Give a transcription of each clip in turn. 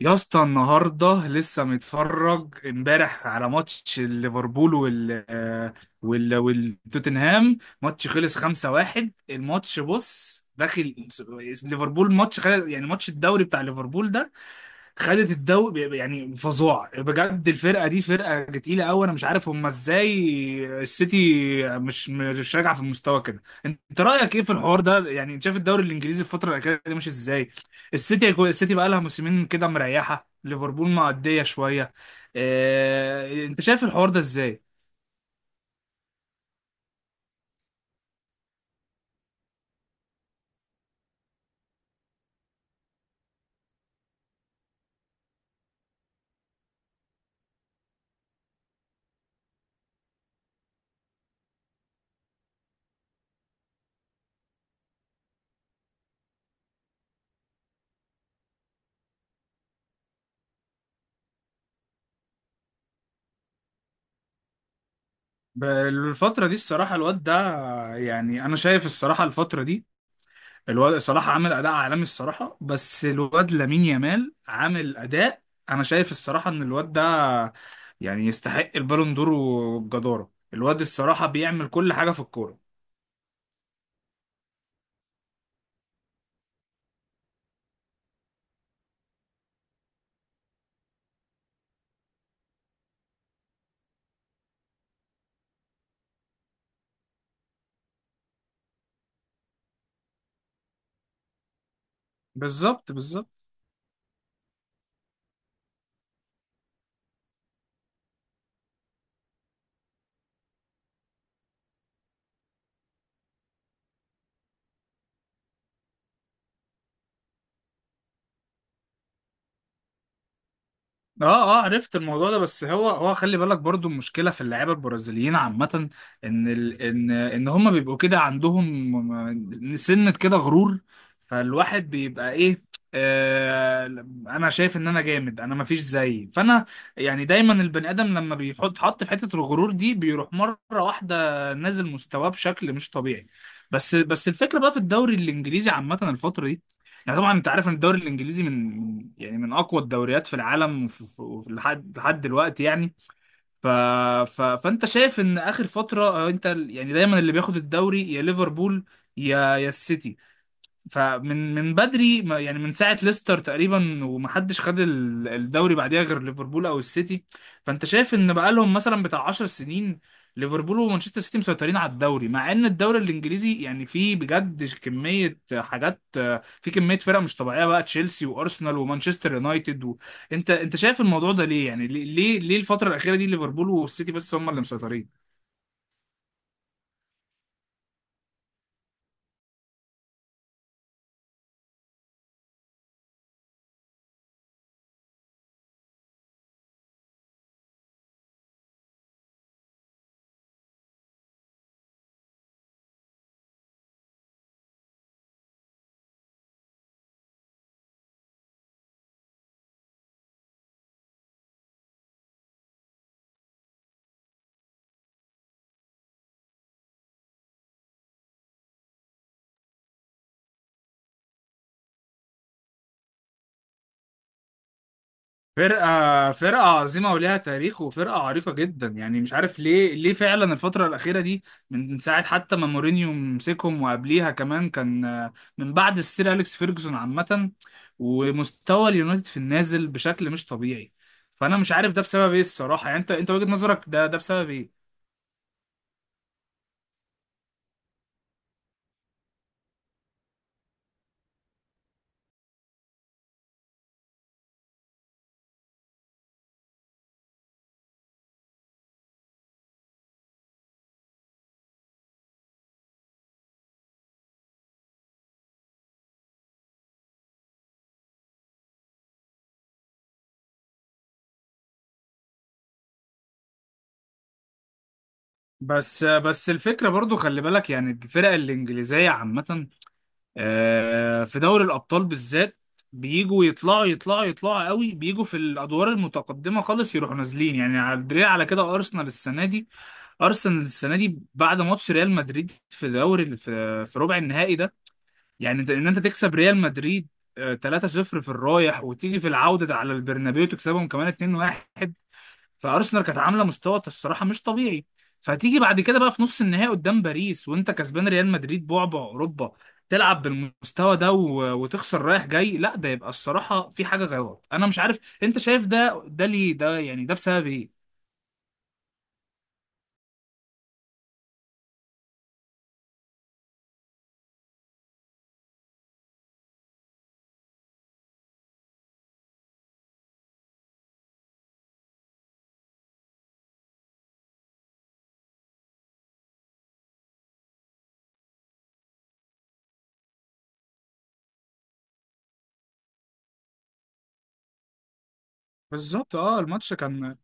يا اسطى، النهارده لسه متفرج امبارح على ماتش ليفربول والتوتنهام. ماتش خلص 5-1. الماتش بص داخل ليفربول، يعني ماتش الدوري بتاع ليفربول ده خدت الدوري، يعني فظاع بجد. الفرقه دي فرقه تقيله قوي، انا مش عارف هم ازاي السيتي مش راجعه في المستوى كده. انت رايك ايه في الحوار ده؟ يعني انت شايف الدوري الانجليزي الفتره الاخيره دي ماشي ازاي؟ السيتي بقى لها موسمين كده مريحه ليفربول، معديه شويه. اه... انت شايف الحوار ده ازاي؟ الفتره دي الصراحه الواد ده، يعني انا شايف الصراحه الفتره دي الواد صلاح عامل اداء عالمي الصراحه، بس الواد لامين يامال عامل اداء. انا شايف الصراحه ان الواد ده يعني يستحق البالون دور وبجداره. الواد الصراحه بيعمل كل حاجه في الكوره. بالظبط، بالظبط. اه، اه، عرفت الموضوع ده. بس هو خلي بالك برضو المشكله في اللعيبه البرازيليين عامه، ان ال ان ان هم بيبقوا كده عندهم سنه كده غرور. فالواحد بيبقى ايه، آه انا شايف ان انا جامد، انا مفيش زيي، فانا يعني دايما البني ادم لما بيحط حط في حته الغرور دي بيروح مره واحده نازل مستواه بشكل مش طبيعي. بس الفكره بقى في الدوري الانجليزي عامه الفتره دي، يعني طبعا انت عارف ان الدوري الانجليزي يعني من اقوى الدوريات في العالم لحد دلوقتي يعني. ف... فانت شايف ان اخر فتره، يعني دايما اللي بياخد الدوري يا ليفربول يا السيتي. فمن بدري يعني من ساعة ليستر تقريبا ومحدش خد الدوري بعديها غير ليفربول او السيتي. فانت شايف ان بقالهم مثلا بتاع 10 سنين ليفربول ومانشستر سيتي مسيطرين على الدوري، مع ان الدوري الانجليزي يعني فيه بجد كمية حاجات، في كمية فرق مش طبيعية بقى: تشيلسي وارسنال ومانشستر يونايتد انت شايف الموضوع ده ليه؟ يعني ليه الفترة الأخيرة دي ليفربول والسيتي بس هم اللي مسيطرين؟ فرقة عظيمة ولها تاريخ، وفرقة عريقة جدا، يعني مش عارف ليه، فعلا الفترة الأخيرة دي من ساعة حتى ما مورينيو مسكهم، وقبليها كمان كان من بعد السير أليكس فيرجسون عامة ومستوى اليونايتد في النازل بشكل مش طبيعي. فأنا مش عارف ده بسبب إيه الصراحة، يعني أنت، وجهة نظرك، ده بسبب إيه؟ بس الفكرة برضو خلي بالك يعني الفرق الإنجليزية عامة، في دوري الابطال بالذات، بيجوا يطلعوا يطلعوا يطلعوا قوي، بيجوا في الادوار المتقدمه خالص يروحوا نازلين. يعني على الدليل على كده ارسنال السنه دي، بعد ماتش ريال مدريد في دوري في ربع النهائي ده، يعني انت- ان انت تكسب ريال مدريد 3-0 في الرايح، وتيجي في العوده ده على البرنابيو تكسبهم كمان 2-1. فارسنال كانت عامله مستوى الصراحه مش طبيعي، فتيجي بعد كده بقى في نص النهائي قدام باريس وانت كسبان ريال مدريد بعبع اوروبا، تلعب بالمستوى ده وتخسر رايح جاي؟ لا، ده يبقى الصراحه في حاجه غلط. انا مش عارف، انت شايف ده ليه؟ ده يعني ده بسبب ايه؟ بالظبط. اه الماتش كان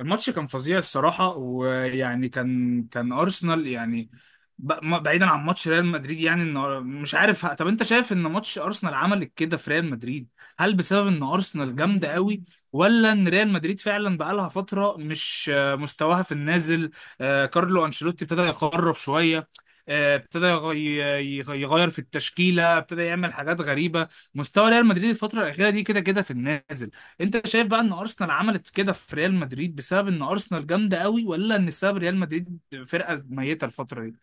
الماتش كان فظيع الصراحة، ويعني كان أرسنال يعني بعيدا عن ماتش ريال مدريد، يعني إن مش عارف، طب أنت شايف إن ماتش أرسنال عمل كده في ريال مدريد، هل بسبب إن أرسنال جامدة قوي، ولا إن ريال مدريد فعلا بقالها فترة مش، مستواها في النازل؟ كارلو أنشيلوتي ابتدى يخرف شوية، ابتدى يغير في التشكيلة، ابتدى يعمل حاجات غريبة. مستوى ريال مدريد الفترة الأخيرة دي كده كده في النازل. انت شايف بقى ان ارسنال عملت كده في ريال مدريد بسبب ان ارسنال جامده قوي، ولا ان بسبب ريال مدريد فرقه ميته الفتره دي؟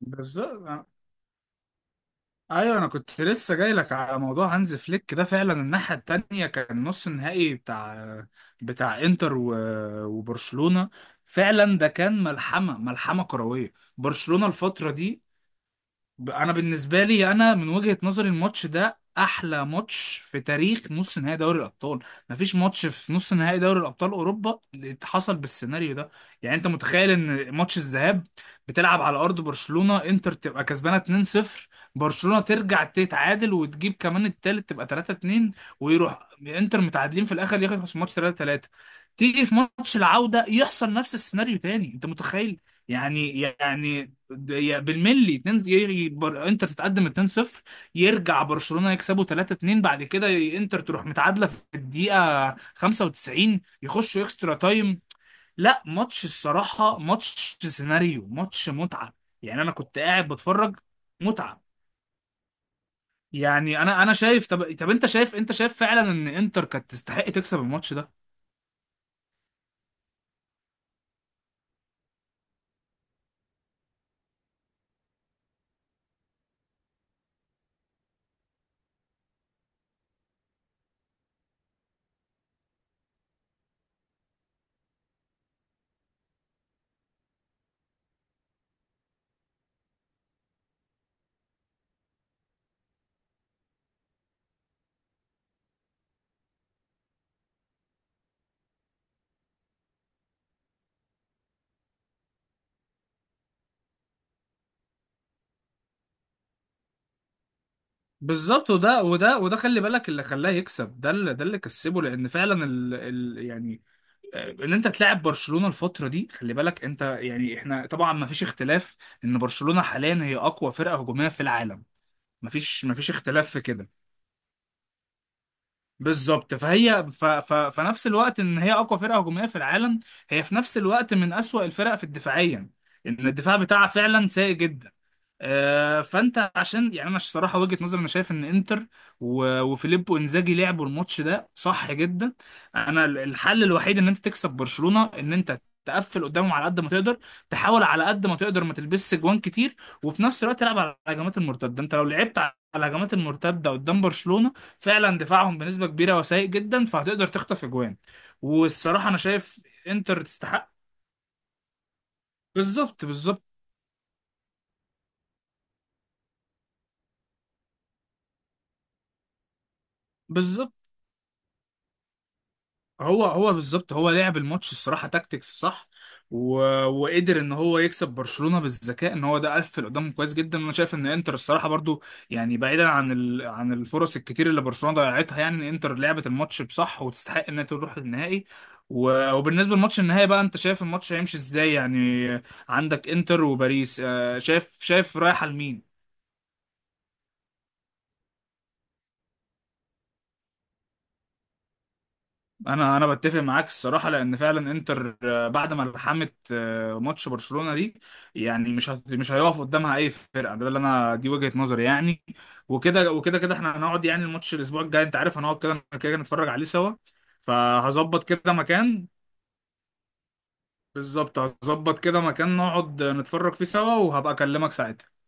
بالظبط. ايوه، انا كنت لسه جاي لك على موضوع هانز فليك ده. فعلا الناحيه التانية كان نص النهائي بتاع انتر وبرشلونه. فعلا ده كان ملحمه، ملحمه كرويه. برشلونه الفتره دي، انا بالنسبه لي، انا من وجهه نظري الماتش ده احلى ماتش في تاريخ نص نهائي دوري الابطال. مفيش ماتش في نص نهائي دوري الابطال اوروبا اللي حصل بالسيناريو ده. يعني انت متخيل ان ماتش الذهاب بتلعب على ارض برشلونه، انتر تبقى كسبانه 2-0، برشلونه ترجع تتعادل وتجيب كمان التالت تبقى 3-2، ويروح انتر متعادلين في الاخر يخلص الماتش 3-3؟ تيجي في ماتش العوده يحصل نفس السيناريو تاني، انت متخيل؟ يعني بالملي اتنين، انتر تتقدم 2-0، يرجع برشلونة يكسبوا 3-2، بعد كده انتر تروح متعادلة في الدقيقة 95، يخشوا اكسترا تايم. لا، ماتش الصراحة، ماتش سيناريو، ماتش متعة. يعني انا كنت قاعد بتفرج، متعة. يعني انا شايف، طب انت شايف فعلا ان انتر كانت تستحق تكسب الماتش ده؟ بالظبط. وده خلي بالك اللي خلاه يكسب ده، اللي كسبه، لان فعلا يعني ان انت تلعب برشلونة الفترة دي، خلي بالك انت يعني احنا طبعا ما فيش اختلاف ان برشلونة حاليا هي اقوى فرقة هجومية في العالم، ما فيش اختلاف في كده. بالظبط. فهي فنفس الوقت ان هي اقوى فرقه هجوميه في العالم، هي في نفس الوقت من اسوأ الفرق في الدفاعيا، ان الدفاع بتاعها فعلا سيء جدا. فانت عشان، يعني انا الصراحه وجهه نظري، انا شايف ان انتر وفيليبو انزاجي لعبوا الماتش ده صح جدا. انا الحل الوحيد ان انت تكسب برشلونه ان انت تقفل قدامهم على قد ما تقدر، تحاول على قد ما تقدر ما تلبسش جوان كتير، وفي نفس الوقت تلعب على الهجمات المرتده. انت لو لعبت على الهجمات المرتده قدام برشلونه، فعلا دفاعهم بنسبة كبيرة وسيء جدا، فهتقدر تخطف اجوان. والصراحة انا شايف انتر تستحق. بالظبط، بالظبط، بالظبط. هو بالظبط هو لعب الماتش الصراحه تاكتكس صح، و... وقدر ان هو يكسب برشلونه بالذكاء، ان هو ده قفل قدامه كويس جدا، وانا شايف ان انتر الصراحه برضو يعني بعيدا عن عن الفرص الكتير اللي برشلونه ضيعتها، يعني ان انتر لعبت الماتش بصح وتستحق انها تروح للنهائي. وبالنسبه لماتش النهائي بقى، انت شايف الماتش هيمشي ازاي يعني؟ عندك انتر وباريس، شايف، رايحه لمين؟ انا بتفق معاك الصراحه، لان فعلا انتر بعد ما لحمت ماتش برشلونه دي، يعني مش هيقف قدامها اي فرقه، ده اللي انا دي وجهه نظري يعني. وكده كده احنا هنقعد يعني الماتش الاسبوع الجاي، انت عارف هنقعد كده كده كده نتفرج عليه سوا، فهظبط كده مكان. بالظبط، هظبط كده مكان نقعد نتفرج فيه سوا، وهبقى اكلمك ساعتها.